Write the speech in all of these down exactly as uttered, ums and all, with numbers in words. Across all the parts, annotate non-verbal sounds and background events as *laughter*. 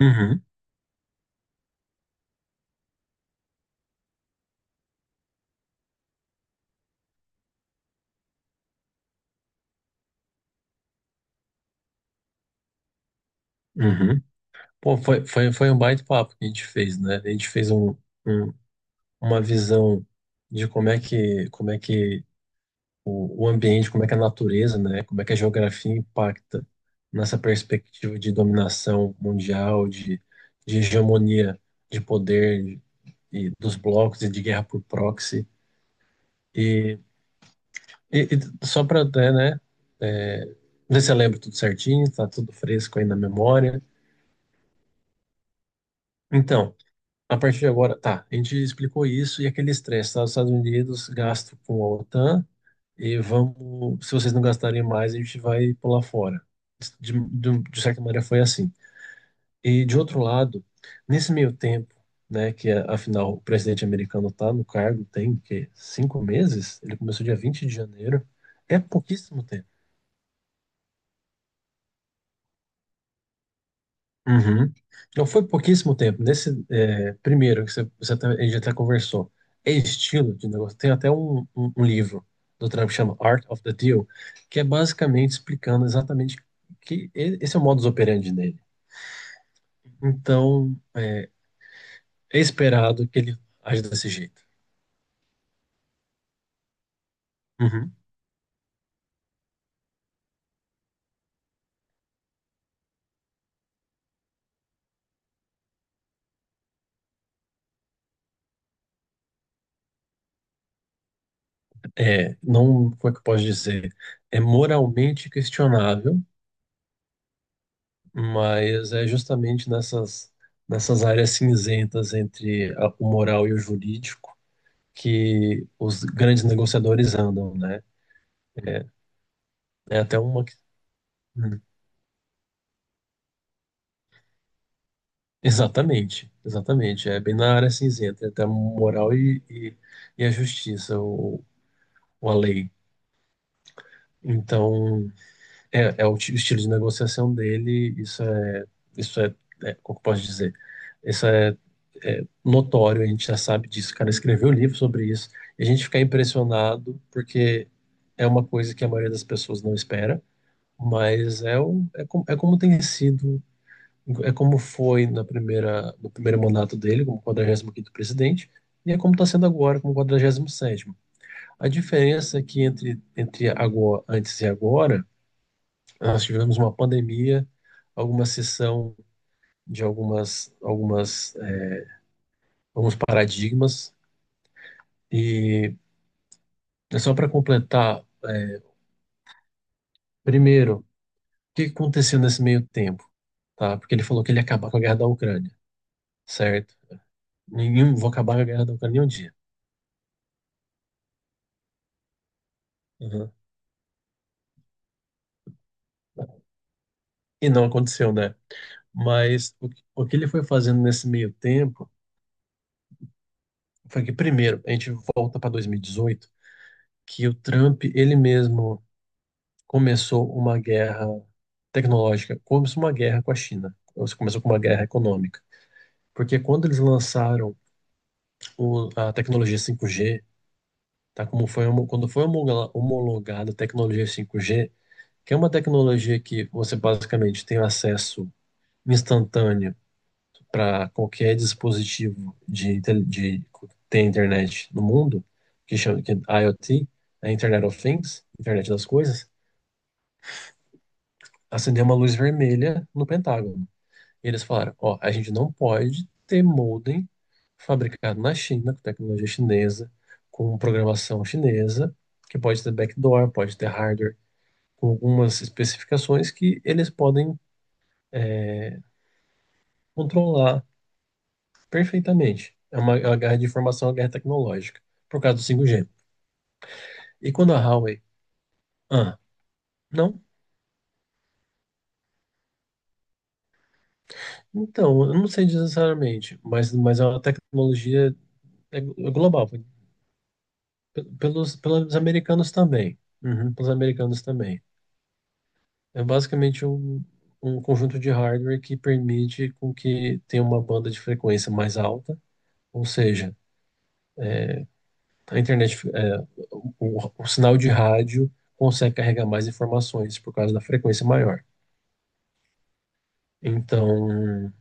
Uhum, uhum. Pô, foi, foi, foi um baita papo que a gente fez, né? A gente fez um, um- uma visão de como é que, como é que o, o ambiente, como é que a natureza, né? Como é que a geografia impacta nessa perspectiva de dominação mundial, de, de hegemonia de poder e dos blocos e de guerra por proxy. E, e, e só para até, né? É, ver se eu lembro tudo certinho, tá tudo fresco aí na memória. Então. A partir de agora, tá, a gente explicou isso e aquele estresse, tá? Os Estados Unidos gasto com a OTAN e vamos, se vocês não gastarem mais, a gente vai pular fora. De, de, de certa maneira foi assim. E de outro lado, nesse meio tempo, né, que é, afinal o presidente americano tá no cargo, tem que cinco meses, ele começou dia vinte de janeiro, é pouquíssimo tempo. Uhum. Não foi pouquíssimo tempo. Nesse é, primeiro que você, você, até, a gente até conversou, é estilo de negócio. Tem até um, um, um livro do Trump que chama Art of the Deal, que é basicamente explicando exatamente que e- esse é o modus operandi dele. Então, é, é esperado que ele age desse jeito. Uhum. É, não, como é que eu posso dizer? É moralmente questionável, mas é justamente nessas, nessas, áreas cinzentas entre a- o moral e o jurídico que os grandes negociadores andam, né? É, é até uma. Hum, Exatamente, exatamente. É bem na área cinzenta, é até moral e, e, e a justiça, ou, ou a lei. Então, é, é o ti- estilo de negociação dele, isso é, isso é, é, como que eu posso dizer? Isso é, é notório, a gente já sabe disso. O cara escreveu um livro sobre isso, e a gente fica impressionado porque é uma coisa que a maioria das pessoas não espera. Mas é, o, é, como, é como tem sido, é como foi na primeira, no primeiro mandato dele, como quadragésimo quinto presidente, e é como está sendo agora, como quadragésimo sétimo. A diferença é que entre, entre agora, antes e agora, nós tivemos uma pandemia, alguma cessão de algumas, algumas, eh, alguns paradigmas, e é só para completar, primeiro, o que aconteceu nesse meio tempo, tá? Porque ele falou que ele ia acabar com a guerra da Ucrânia, certo? Ninguém vou acabar a guerra da Ucrânia um dia. Uhum. E não aconteceu, né? Mas o, que o que ele foi fazendo nesse meio tempo foi que, primeiro, a gente volta para dois mil e dezoito, que o Trump, ele mesmo, começou uma guerra tecnológica, começou uma guerra com a China, ou se começou com uma guerra econômica. Porque quando eles lançaram o- a tecnologia cinco G, tá? Como foi, homo- quando foi homologa- homologada a tecnologia cinco G, que é uma tecnologia que você basicamente tem acesso instantâneo para qualquer dispositivo de, tel- de ter internet no mundo, que chama que é IoT, é Internet of Things, Internet das Coisas, acendeu uma luz vermelha no Pentágono. E eles falaram, ó, a gente não pode ter modem fabricado na China, com tecnologia chinesa, com programação chinesa, que pode ter backdoor, pode ter hardware, com algumas especificações que eles podem é, controlar. Perfeitamente. É uma, é uma guerra de informação, é uma guerra tecnológica, por causa do cinco G. E quando a Huawei. Ah, não? Então, eu não sei necessariamente, mas, mas é uma tecnologia é glo- é global, pe- pelos, pelos americanos também. Uhum, pelos americanos também. É basicamente um, um conjunto de hardware que permite com que tenha uma banda de frequência mais alta, ou seja, a internet, é, o, o o sinal de rádio consegue carregar mais informações por causa da frequência maior. Então,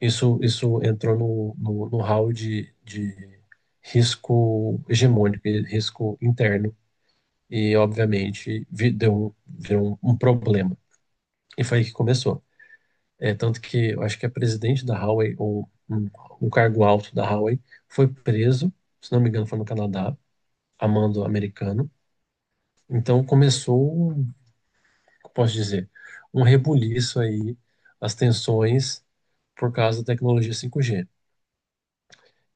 isso, isso entrou no, no, no hall de, de risco hegemônico, e risco interno, e obviamente vi- deu, um- virou um, um problema. E foi aí que começou. É, tanto que eu acho que a presidente da Huawei, ou um, um cargo alto da Huawei, foi preso, se não me engano, foi no Canadá, a mando americano. Então começou, um- como posso dizer, um rebuliço aí, as tensões por causa da tecnologia cinco G.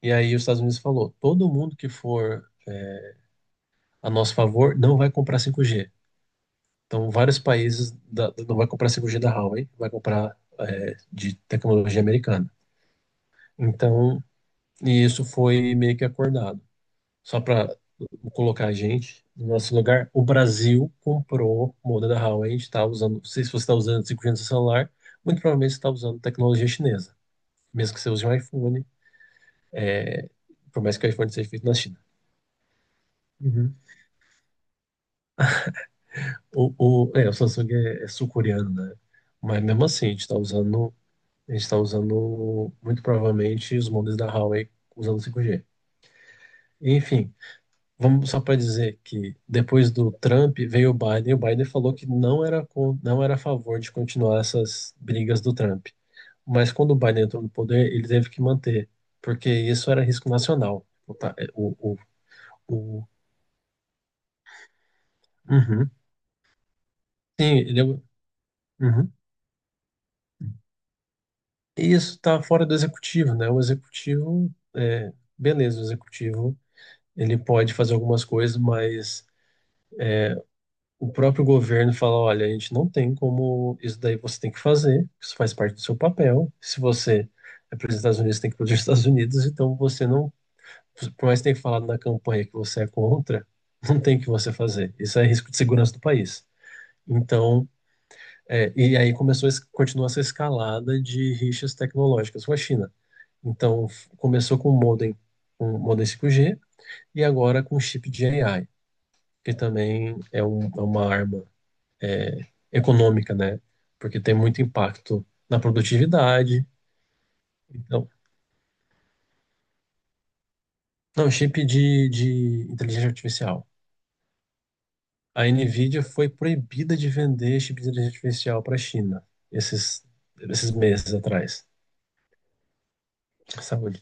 E aí os Estados Unidos falou, todo mundo que for a nosso favor não vai comprar cinco G. Então vários países da- da- não vai comprar cinco G da Huawei, vai comprar é, de tecnologia americana. Então, e isso foi meio que acordado. Só para colocar a gente no nosso lugar, o Brasil comprou moda da Huawei, a gente está usando, se você está usando cinco G no seu celular, muito provavelmente você está usando tecnologia chinesa, mesmo que você use um iPhone, por mais que o iPhone seja feito na China. Uhum. O, o, é, o Samsung é, é sul-coreano, né? Mas mesmo assim, a gente está usando, a gente tá usando muito provavelmente os modelos da Huawei usando cinco G. Enfim, vamos só para dizer que depois do Trump veio o Biden e o Biden falou que não era, con- não era a favor de continuar essas brigas do Trump. Mas quando o Biden entrou no poder, ele teve que manter, porque isso era risco nacional. O, ta- o, o, o- Uhum. Sim, ele. Uhum. isso está fora do executivo, né? O executivo, é, beleza, o executivo ele pode fazer algumas coisas, mas o próprio governo fala, olha, a gente não tem como isso daí você tem que fazer, isso faz parte do seu papel. Se você é Presidente dos Estados Unidos, você tem que ir para os Estados Unidos, então você não, por mais que tenha falado na campanha que você é contra, não tem o que você fazer. Isso é risco de segurança do país. Então, é, e aí começou, a es- continua essa escalada de rixas tecnológicas com a China. Então, f- começou com o modem, com o modem cinco G, e agora com o chip de A I, que também é, um- é uma arma econômica, né? Porque tem muito impacto na produtividade. Então, não, chip de, de, inteligência artificial. A Nvidia foi proibida de vender chip de inteligência artificial para a China, esses, esses meses atrás. Saúde.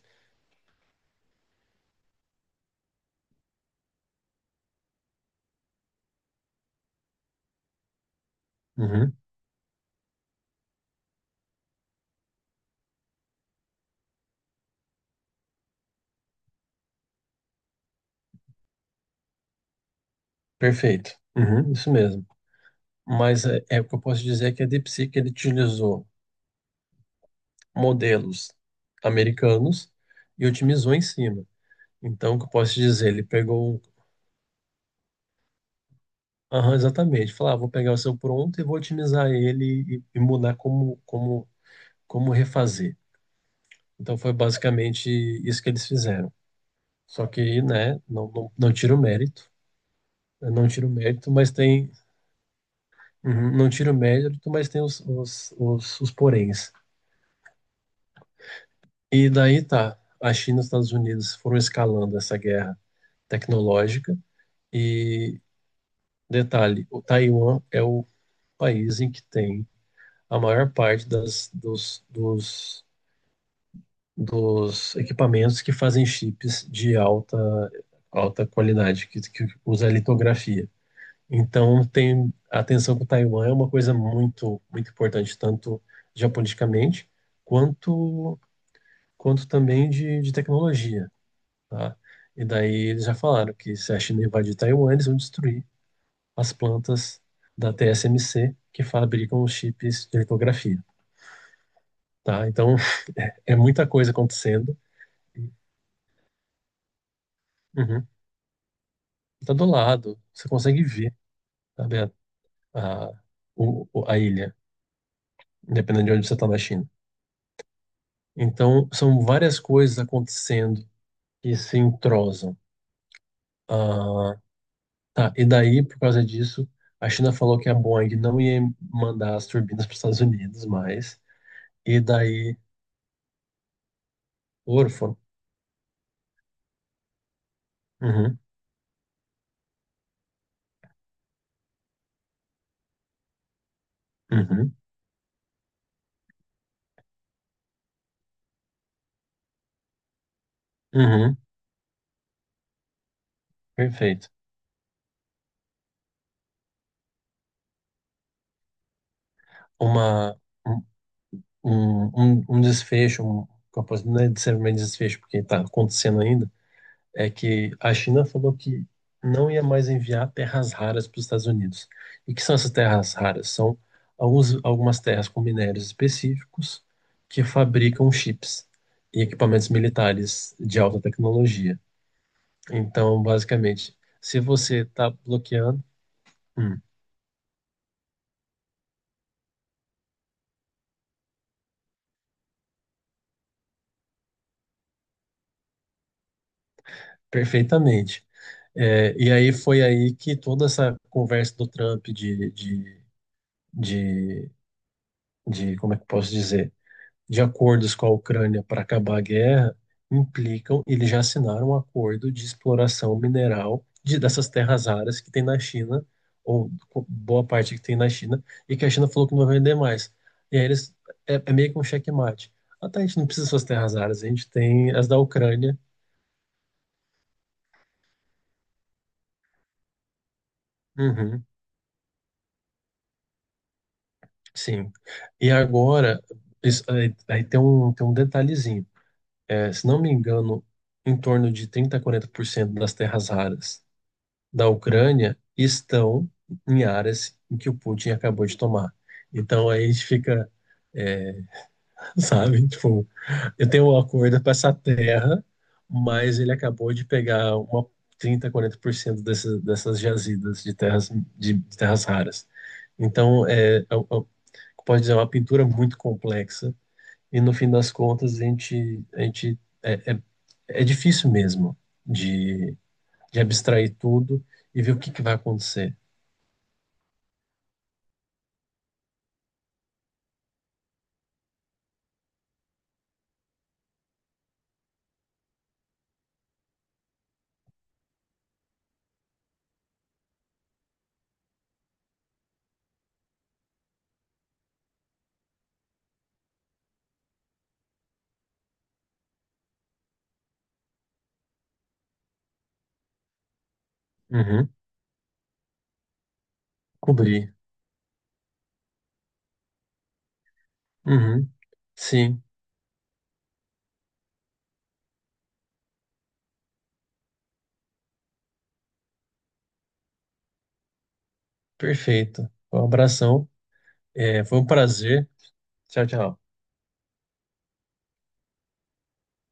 Uhum, perfeito. Uhum, isso mesmo. Mas é, é o que eu posso dizer é que a DeepSeek ele utilizou modelos americanos e otimizou em cima. Então, o que eu posso te dizer? Ele pegou, um, aham, exatamente, falou, ah, vou pegar o seu pronto e vou otimizar ele e, e, mudar como, como, como refazer. Então, foi basicamente isso que eles fizeram. Só que, né, não, não, não tira o mérito, né, não tira o mérito, mas tem, uhum, não tira o mérito, mas tem os, os, os, os poréns. E daí tá, a China e os Estados Unidos foram escalando essa guerra tecnológica. E detalhe: o Taiwan é o país em que tem a maior parte das, dos, dos, dos equipamentos que fazem chips de alta, alta qualidade, que, que usa litografia. Então, tem a atenção com o Taiwan é uma coisa muito, muito importante, tanto geopoliticamente quanto, quanto também de, de tecnologia, tá? E daí eles já falaram que se a China invadir Taiwan, eles vão destruir as plantas da T S M C que fabricam os chips de litografia, tá? Então *laughs* é muita coisa acontecendo. Uhum. Tá do lado, você consegue ver, sabe, a, a, o- a ilha, independente de onde você está na China. Então são várias coisas acontecendo que se entrosam. Ah, tá, e daí, por causa disso, a China falou que a Boeing não ia mandar as turbinas *laughs* para os Estados Unidos mais. E daí, órfão. Uhum, uhum, uhum, perfeito. Uma, um, um, um um desfecho, um, que eu posso- não é necessariamente desfecho, porque está acontecendo ainda, é que a China falou que não ia mais enviar terras raras para os Estados Unidos. E que são essas terras raras? São alguns, algumas terras com minérios específicos que fabricam chips e equipamentos militares de alta tecnologia. Então, basicamente, se você está bloqueando, hum, perfeitamente. É, e aí foi aí que toda essa conversa do Trump de, de, de, de, como é que eu posso dizer, de acordos com a Ucrânia para acabar a guerra, implicam, eles já assinaram um acordo de exploração mineral de, dessas terras raras que tem na China, ou co- boa parte que tem na China, e que a China falou que não vai vender mais. E aí eles, é, é meio que um checkmate. Ah, tá, a gente não precisa dessas terras raras, a gente tem as da Ucrânia. Uhum. Sim. E agora, isso- aí, aí tem um, tem um detalhezinho. É, se não me engano, em torno de trinta a quarenta por cento das terras raras da Ucrânia estão em áreas em que o Putin acabou de tomar. Então aí a gente fica, *laughs* sabe, tipo, eu tenho um acordo com essa terra, mas ele acabou de pegar uma trinta quarenta por cento dessas, dessas jazidas de terras, de, de terras raras. Então, é, é- é- pode dizer, é uma pintura muito complexa. E no fim das contas, a gente, a gente é, é, é difícil mesmo de, de abstrair tudo e ver o que que vai acontecer. Uhum, cobrir. Uhum, sim, perfeito. Um abração. É, foi um prazer. Tchau, tchau.